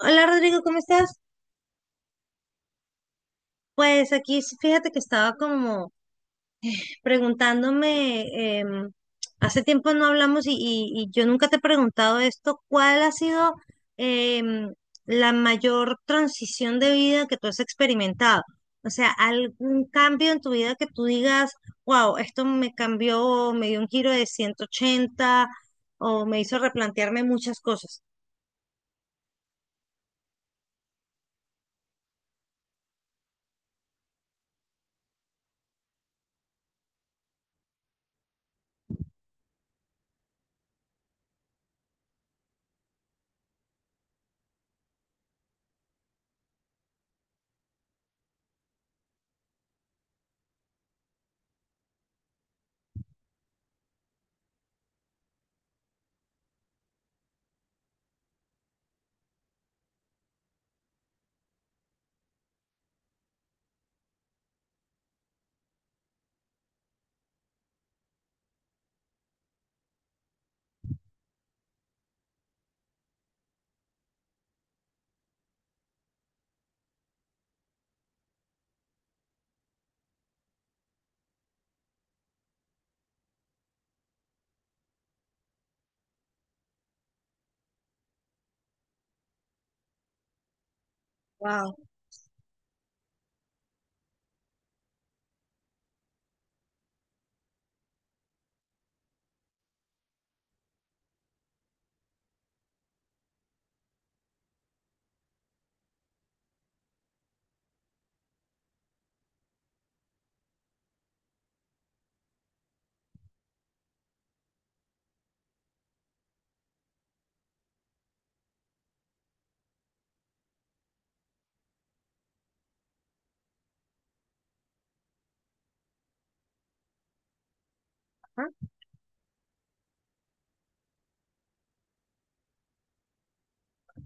Hola Rodrigo, ¿cómo estás? Pues aquí fíjate que estaba como preguntándome, hace tiempo no hablamos y yo nunca te he preguntado esto, ¿cuál ha sido em, la mayor transición de vida que tú has experimentado? O sea, algún cambio en tu vida que tú digas, wow, esto me cambió, me dio un giro de 180 o me hizo replantearme muchas cosas. Wow.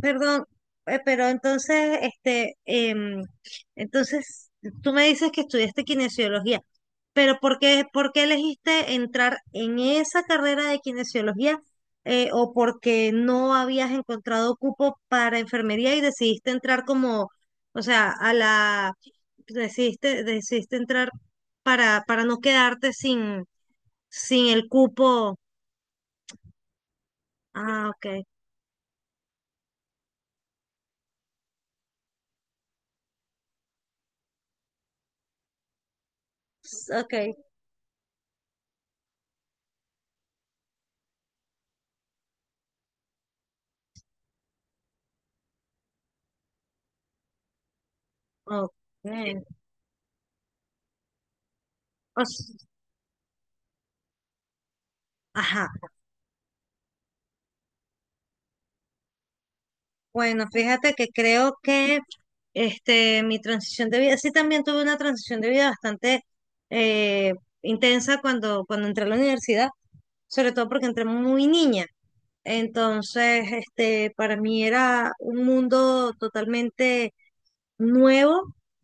Perdón, pero entonces, entonces, tú me dices que estudiaste kinesiología, pero ¿por qué elegiste entrar en esa carrera de kinesiología? ¿O porque no habías encontrado cupo para enfermería y decidiste entrar como, o sea, decidiste entrar para no quedarte sin, sin el cupo? Ah, ok, ok, ok. O s- Ajá. Bueno, fíjate que creo que este, mi transición de vida, sí también tuve una transición de vida bastante eh, intensa cuando entré a la universidad, sobre todo porque entré muy niña. Entonces, este, para mí era un mundo totalmente nuevo.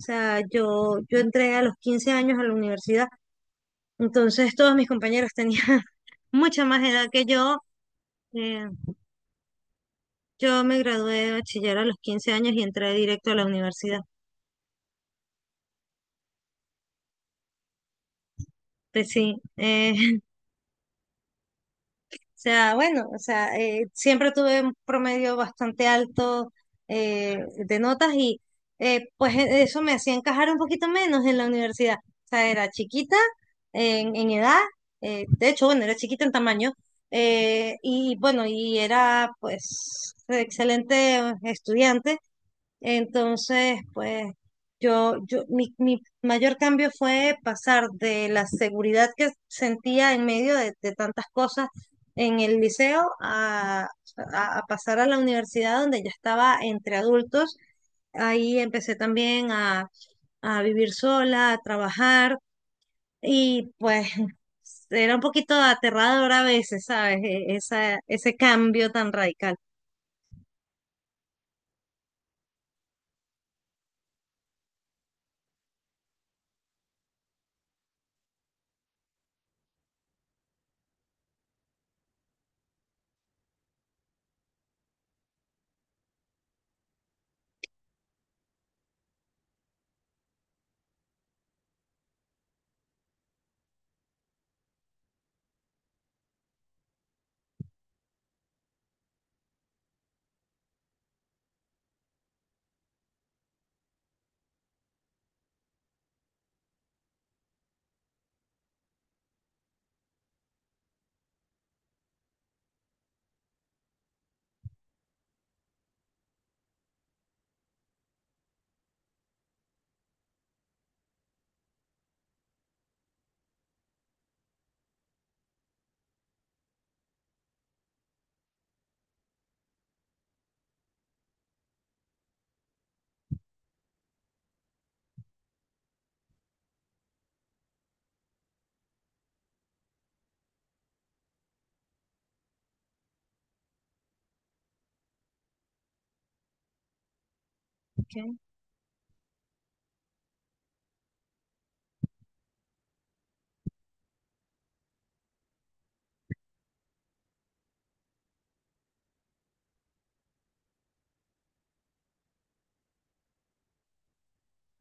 O sea, yo entré a los 15 años a la universidad, entonces todos mis compañeros tenían mucha más edad que yo. Eh, yo me gradué de bachiller a los 15 años y entré directo a la universidad. Pues sí, o sea, bueno, o sea, siempre tuve un promedio bastante alto de notas y pues eso me hacía encajar un poquito menos en la universidad. O sea, era chiquita en edad, de hecho, bueno, era chiquita en tamaño y bueno, y era pues excelente estudiante. Entonces, pues mi mayor cambio fue pasar de la seguridad que sentía en medio de tantas cosas en el liceo a pasar a la universidad donde ya estaba entre adultos. Ahí empecé también a vivir sola, a trabajar y pues era un poquito aterrador a veces, ¿sabes? Esa, ese cambio tan radical.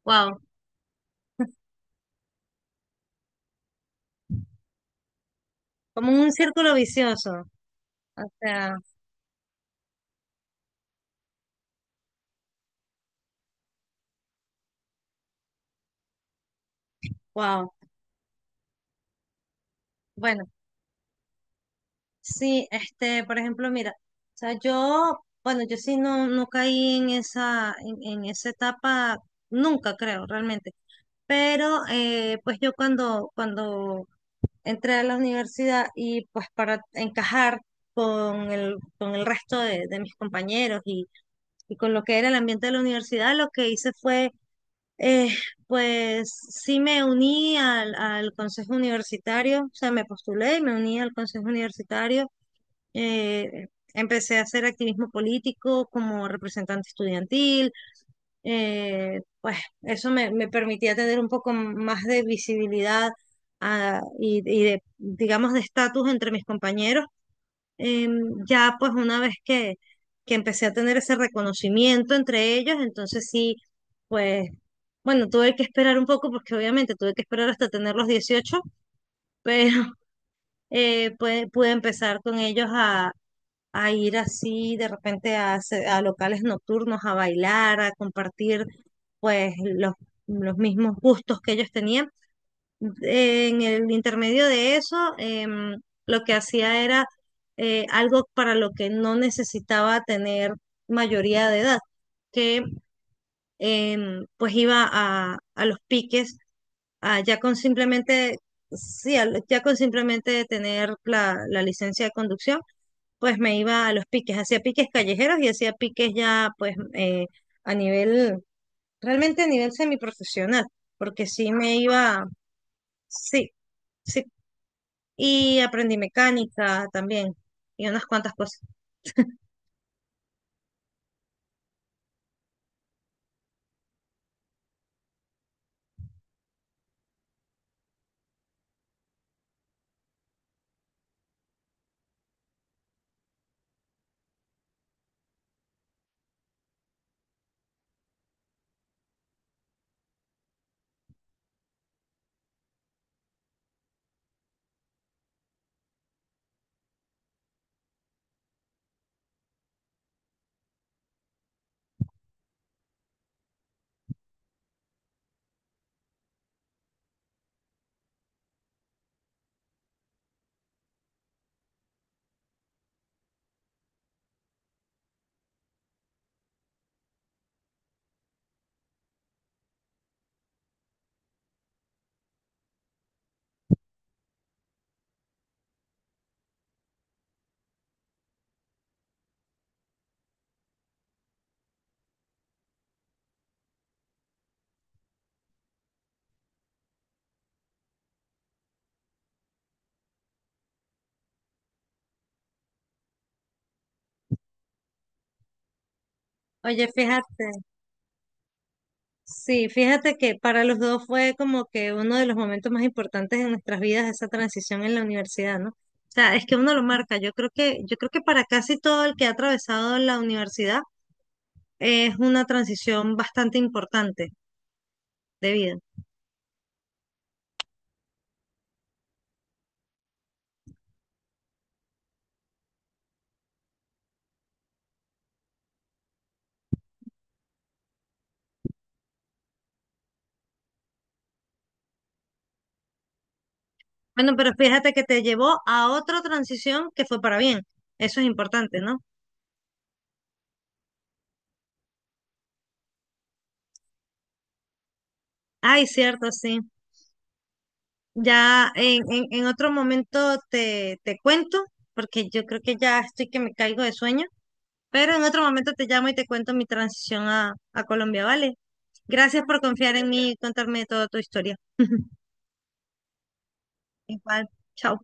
Wow, como un círculo vicioso. O sea, wow, bueno, sí, este, por ejemplo, mira, o sea, yo, bueno, yo sí no, no caí en esa etapa, nunca creo, realmente. Pero, pues yo cuando entré a la universidad y pues para encajar con el resto de mis compañeros y con lo que era el ambiente de la universidad, lo que hice fue, eh, pues sí me uní al, al consejo universitario, o sea, me postulé y me uní al consejo universitario eh, empecé a hacer activismo político como representante estudiantil, pues eso me, me permitía tener un poco más de visibilidad ah, y de, digamos, de estatus entre mis compañeros. Ya pues una vez que empecé a tener ese reconocimiento entre ellos, entonces sí, pues bueno, tuve que esperar un poco porque obviamente tuve que esperar hasta tener los 18, pero pude empezar con ellos a ir así de repente a, a locales nocturnos, a bailar, a compartir pues los mismos gustos que ellos tenían. En el intermedio de eso, lo que hacía era algo para lo que no necesitaba tener mayoría de edad, que pues iba a los piques, a ya con simplemente, sí, ya con simplemente tener la la licencia de conducción pues me iba a los piques, hacía piques callejeros y hacía piques ya pues a nivel, realmente a nivel semiprofesional, porque sí me iba, sí, sí, y aprendí mecánica también y unas cuantas cosas. Oye, fíjate, sí, fíjate que para los dos fue como que uno de los momentos más importantes en nuestras vidas esa transición en la universidad, ¿no? O sea, es que uno lo marca. Yo creo que para casi todo el que ha atravesado la universidad es una transición bastante importante. De vida. Bueno, pero fíjate que te llevó a otra transición que fue para bien. Eso es importante, ¿no? Ay, cierto, sí. Ya en otro momento te cuento, porque yo creo que ya estoy que me caigo de sueño, pero en otro momento te llamo y te cuento mi transición a Colombia, ¿vale? Gracias por confiar en mí y contarme toda tu historia. Igual, chao.